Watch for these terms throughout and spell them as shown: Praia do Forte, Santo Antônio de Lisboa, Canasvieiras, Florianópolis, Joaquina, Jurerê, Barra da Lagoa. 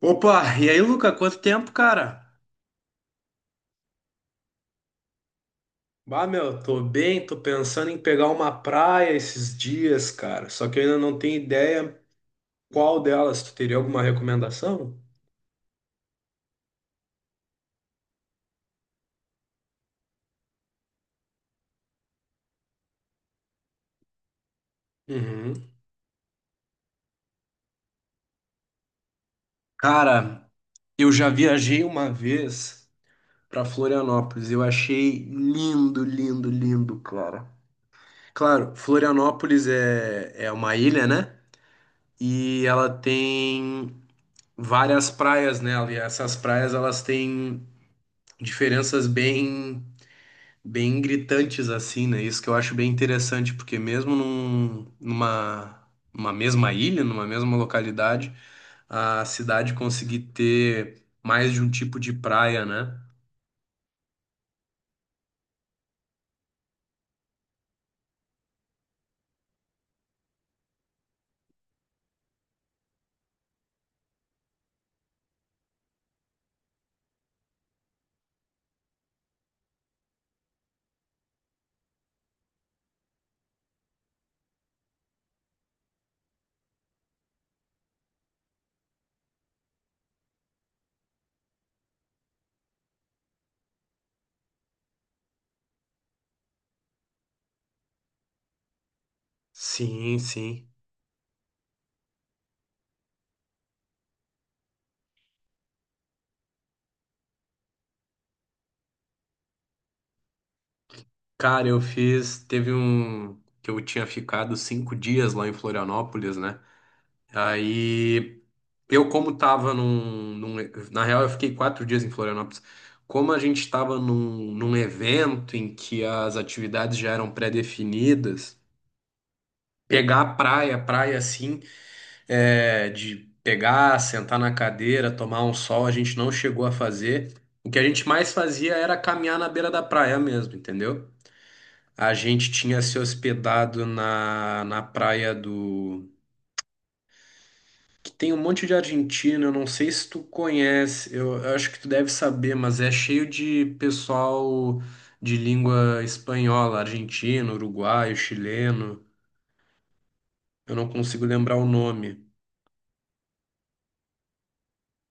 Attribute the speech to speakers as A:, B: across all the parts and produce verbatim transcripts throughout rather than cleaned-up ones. A: Opa, e aí, Luca, quanto tempo, cara? Bah, meu, tô bem, tô pensando em pegar uma praia esses dias, cara. Só que eu ainda não tenho ideia qual delas. Tu teria alguma recomendação? Uhum. Cara, eu já viajei uma vez pra Florianópolis. Eu achei lindo, lindo, lindo, cara. Claro, Florianópolis é, é uma ilha, né? E ela tem várias praias nela. E essas praias, elas têm diferenças bem bem gritantes assim, né? Isso que eu acho bem interessante, porque mesmo num, numa, numa mesma ilha, numa mesma localidade, a cidade conseguir ter mais de um tipo de praia, né? Sim, sim. Cara, eu fiz, teve um que eu tinha ficado cinco dias lá em Florianópolis, né? Aí eu, como tava num, num- na real, eu fiquei quatro dias em Florianópolis. Como a gente estava num, num evento em que as atividades já eram pré-definidas, pegar a praia, praia assim, é, de pegar, sentar na cadeira, tomar um sol, a gente não chegou a fazer. O que a gente mais fazia era caminhar na beira da praia mesmo, entendeu? A gente tinha se hospedado na, na praia que tem um monte de argentino, eu não sei se tu conhece, eu eu acho que tu deve saber, mas é cheio de pessoal de língua espanhola, argentino, uruguaio, chileno, eu não consigo lembrar o nome.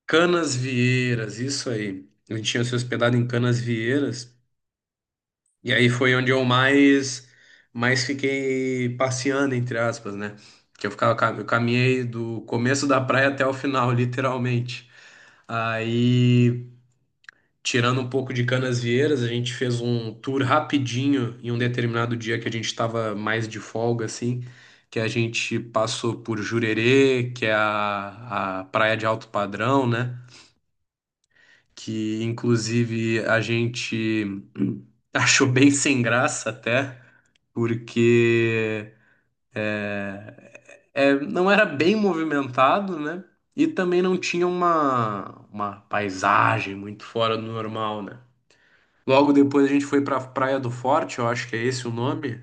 A: Canas Vieiras, isso aí. A gente tinha se hospedado em Canas Vieiras, e aí foi onde eu mais, mais fiquei passeando, entre aspas, né? Que eu ficava, ca- eu caminhei do começo da praia até o final, literalmente. Aí. Tirando um pouco de Canasvieiras, a gente fez um tour rapidinho em um determinado dia que a gente estava mais de folga, assim, que a gente passou por Jurerê, que é a, a praia de alto padrão, né? Que inclusive a gente achou bem sem graça até, porque é, não era bem movimentado, né? E também não tinha uma, uma paisagem muito fora do normal, né? Logo depois a gente foi pra Praia do Forte, eu acho que é esse o nome.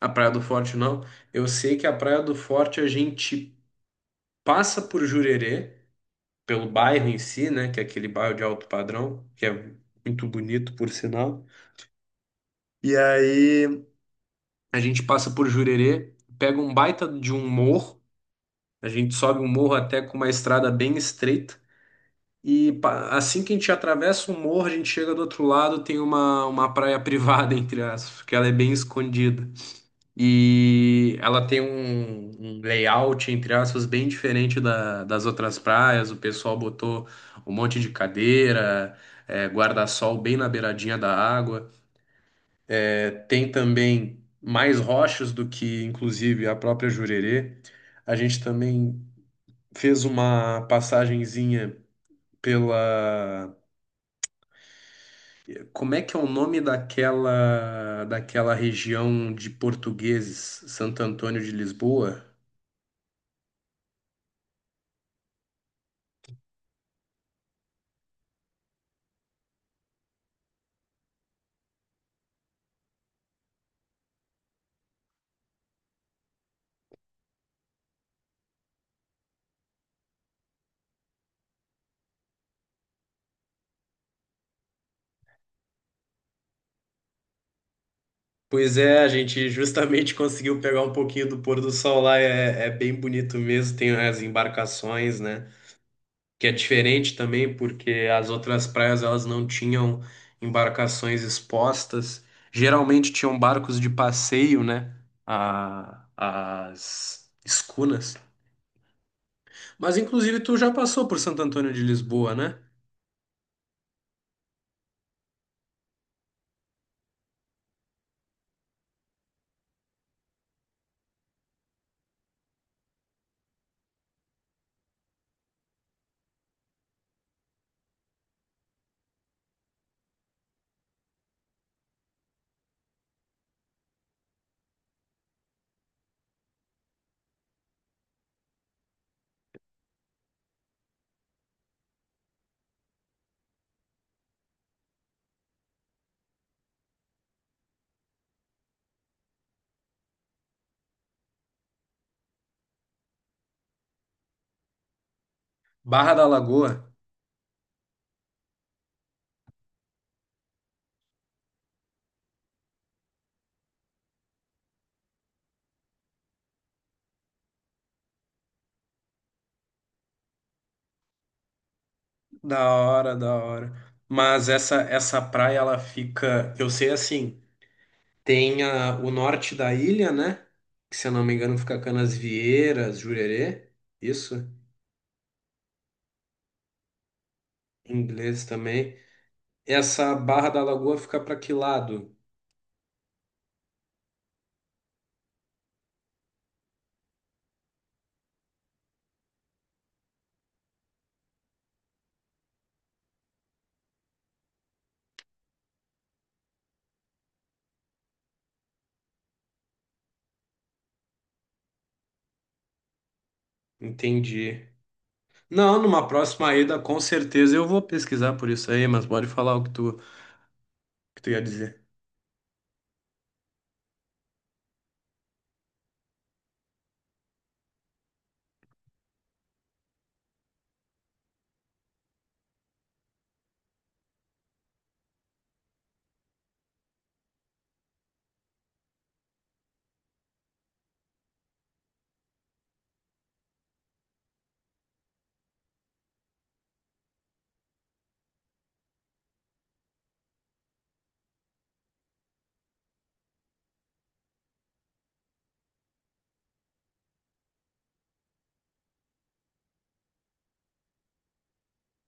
A: A Praia do Forte não. Eu sei que a Praia do Forte a gente passa por Jurerê, pelo bairro em si, né? Que é aquele bairro de alto padrão, que é muito bonito, por sinal. E aí a gente passa por Jurerê, pega um baita de um morro, a gente sobe um morro até com uma estrada bem estreita. E pa- assim que a gente atravessa o morro, a gente chega do outro lado, tem uma, uma praia privada, entre aspas, que ela é bem escondida. E ela tem um, um layout, entre aspas, bem diferente da- das outras praias. O pessoal botou um monte de cadeira, é, guarda-sol bem na beiradinha da água. É, tem também mais rochas do que, inclusive, a própria Jurerê. A gente também fez uma passagenzinha pela. Como é que é o nome daquela, daquela região de portugueses, Santo Antônio de Lisboa? Pois é, a gente justamente conseguiu pegar um pouquinho do pôr do sol lá, é, é bem bonito mesmo, tem as embarcações, né? Que é diferente também, porque as outras praias elas não tinham embarcações expostas, geralmente tinham barcos de passeio, né? A, as escunas. Mas inclusive tu já passou por Santo Antônio de Lisboa, né? Barra da Lagoa. Da hora, da hora. Mas essa, essa praia ela fica, eu sei assim. Tem a- o norte da ilha, né? Que se eu não me engano fica Canasvieiras, Jurerê. Isso, em inglês também. Essa Barra da Lagoa fica para que lado? Entendi. Não, numa próxima ida, com certeza eu vou pesquisar por isso aí, mas pode falar o que tu, o que tu ia dizer.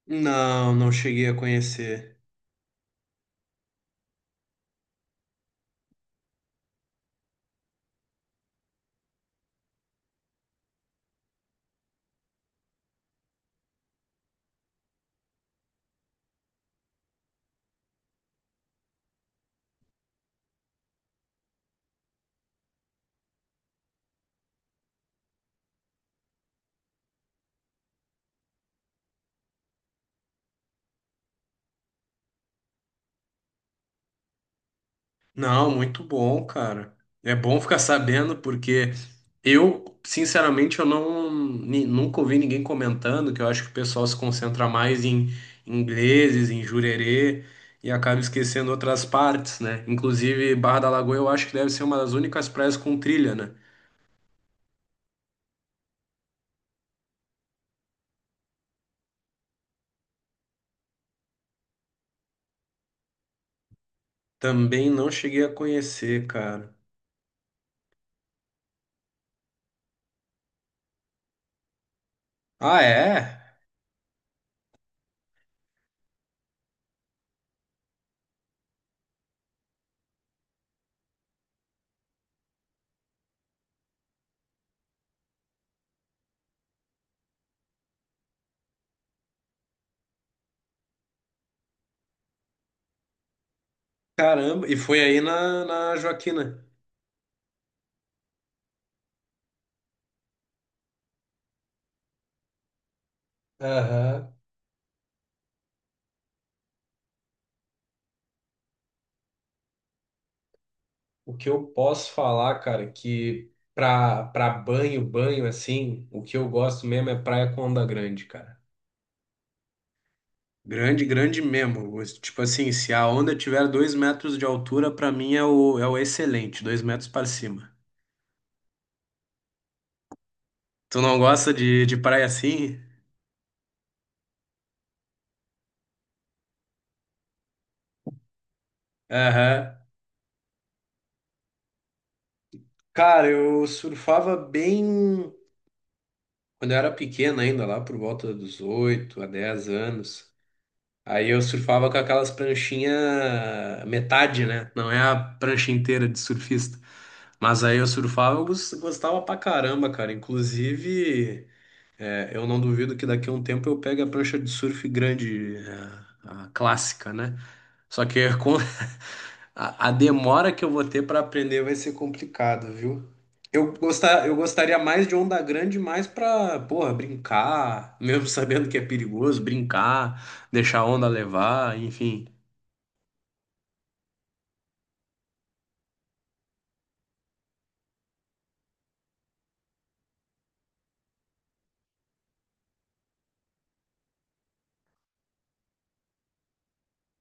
A: Não, não cheguei a conhecer. Não, muito bom, cara. É bom ficar sabendo porque eu, sinceramente, eu não ni- nunca ouvi ninguém comentando que eu acho que o pessoal se concentra mais em ingleses, em Jurerê e acaba esquecendo outras partes, né? Inclusive, Barra da Lagoa eu acho que deve ser uma das únicas praias com trilha, né? Também não cheguei a conhecer, cara. Ah, é? Caramba, e foi aí na, na Joaquina. Aham. O que eu posso falar, cara, que pra, pra banho, banho assim, o que eu gosto mesmo é praia com onda grande, cara. Grande, grande mesmo. Os- Tipo assim, se a onda tiver dois metros de altura, pra mim é o, é o excelente, dois metros para cima. Tu não gosta de, de praia assim? Aham. Cara, eu surfava bem quando eu era pequeno ainda, lá por volta dos oito a dez anos. Aí eu surfava com aquelas pranchinhas metade, né? Não é a prancha inteira de surfista. Mas aí eu surfava, eu gos- gostava pra caramba, cara. Inclusive. É, eu não duvido que daqui a um tempo eu pegue a prancha de surf grande, a, a clássica, né? Só que com a, a demora que eu vou ter para aprender vai ser complicado, viu? Eu gostar, eu gostaria mais de onda grande, mais para, porra, brincar, mesmo sabendo que é perigoso, brincar, deixar a onda levar, enfim.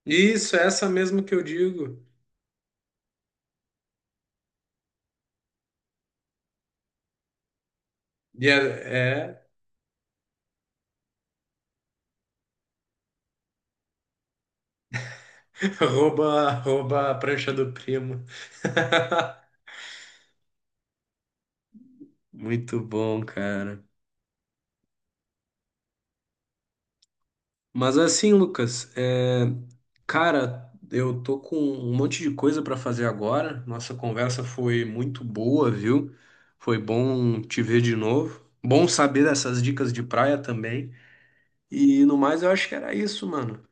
A: Isso, é essa mesmo que eu digo. E é, é rouba, rouba a prancha do primo. Muito bom, cara. Mas assim, Lucas, é, cara, eu tô com um monte de coisa pra fazer agora. Nossa conversa foi muito boa, viu? Foi bom te ver de novo. Bom saber dessas dicas de praia também. E no mais, eu acho que era isso, mano.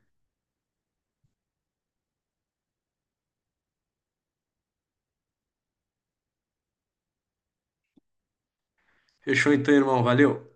A: Fechou então, irmão. Valeu.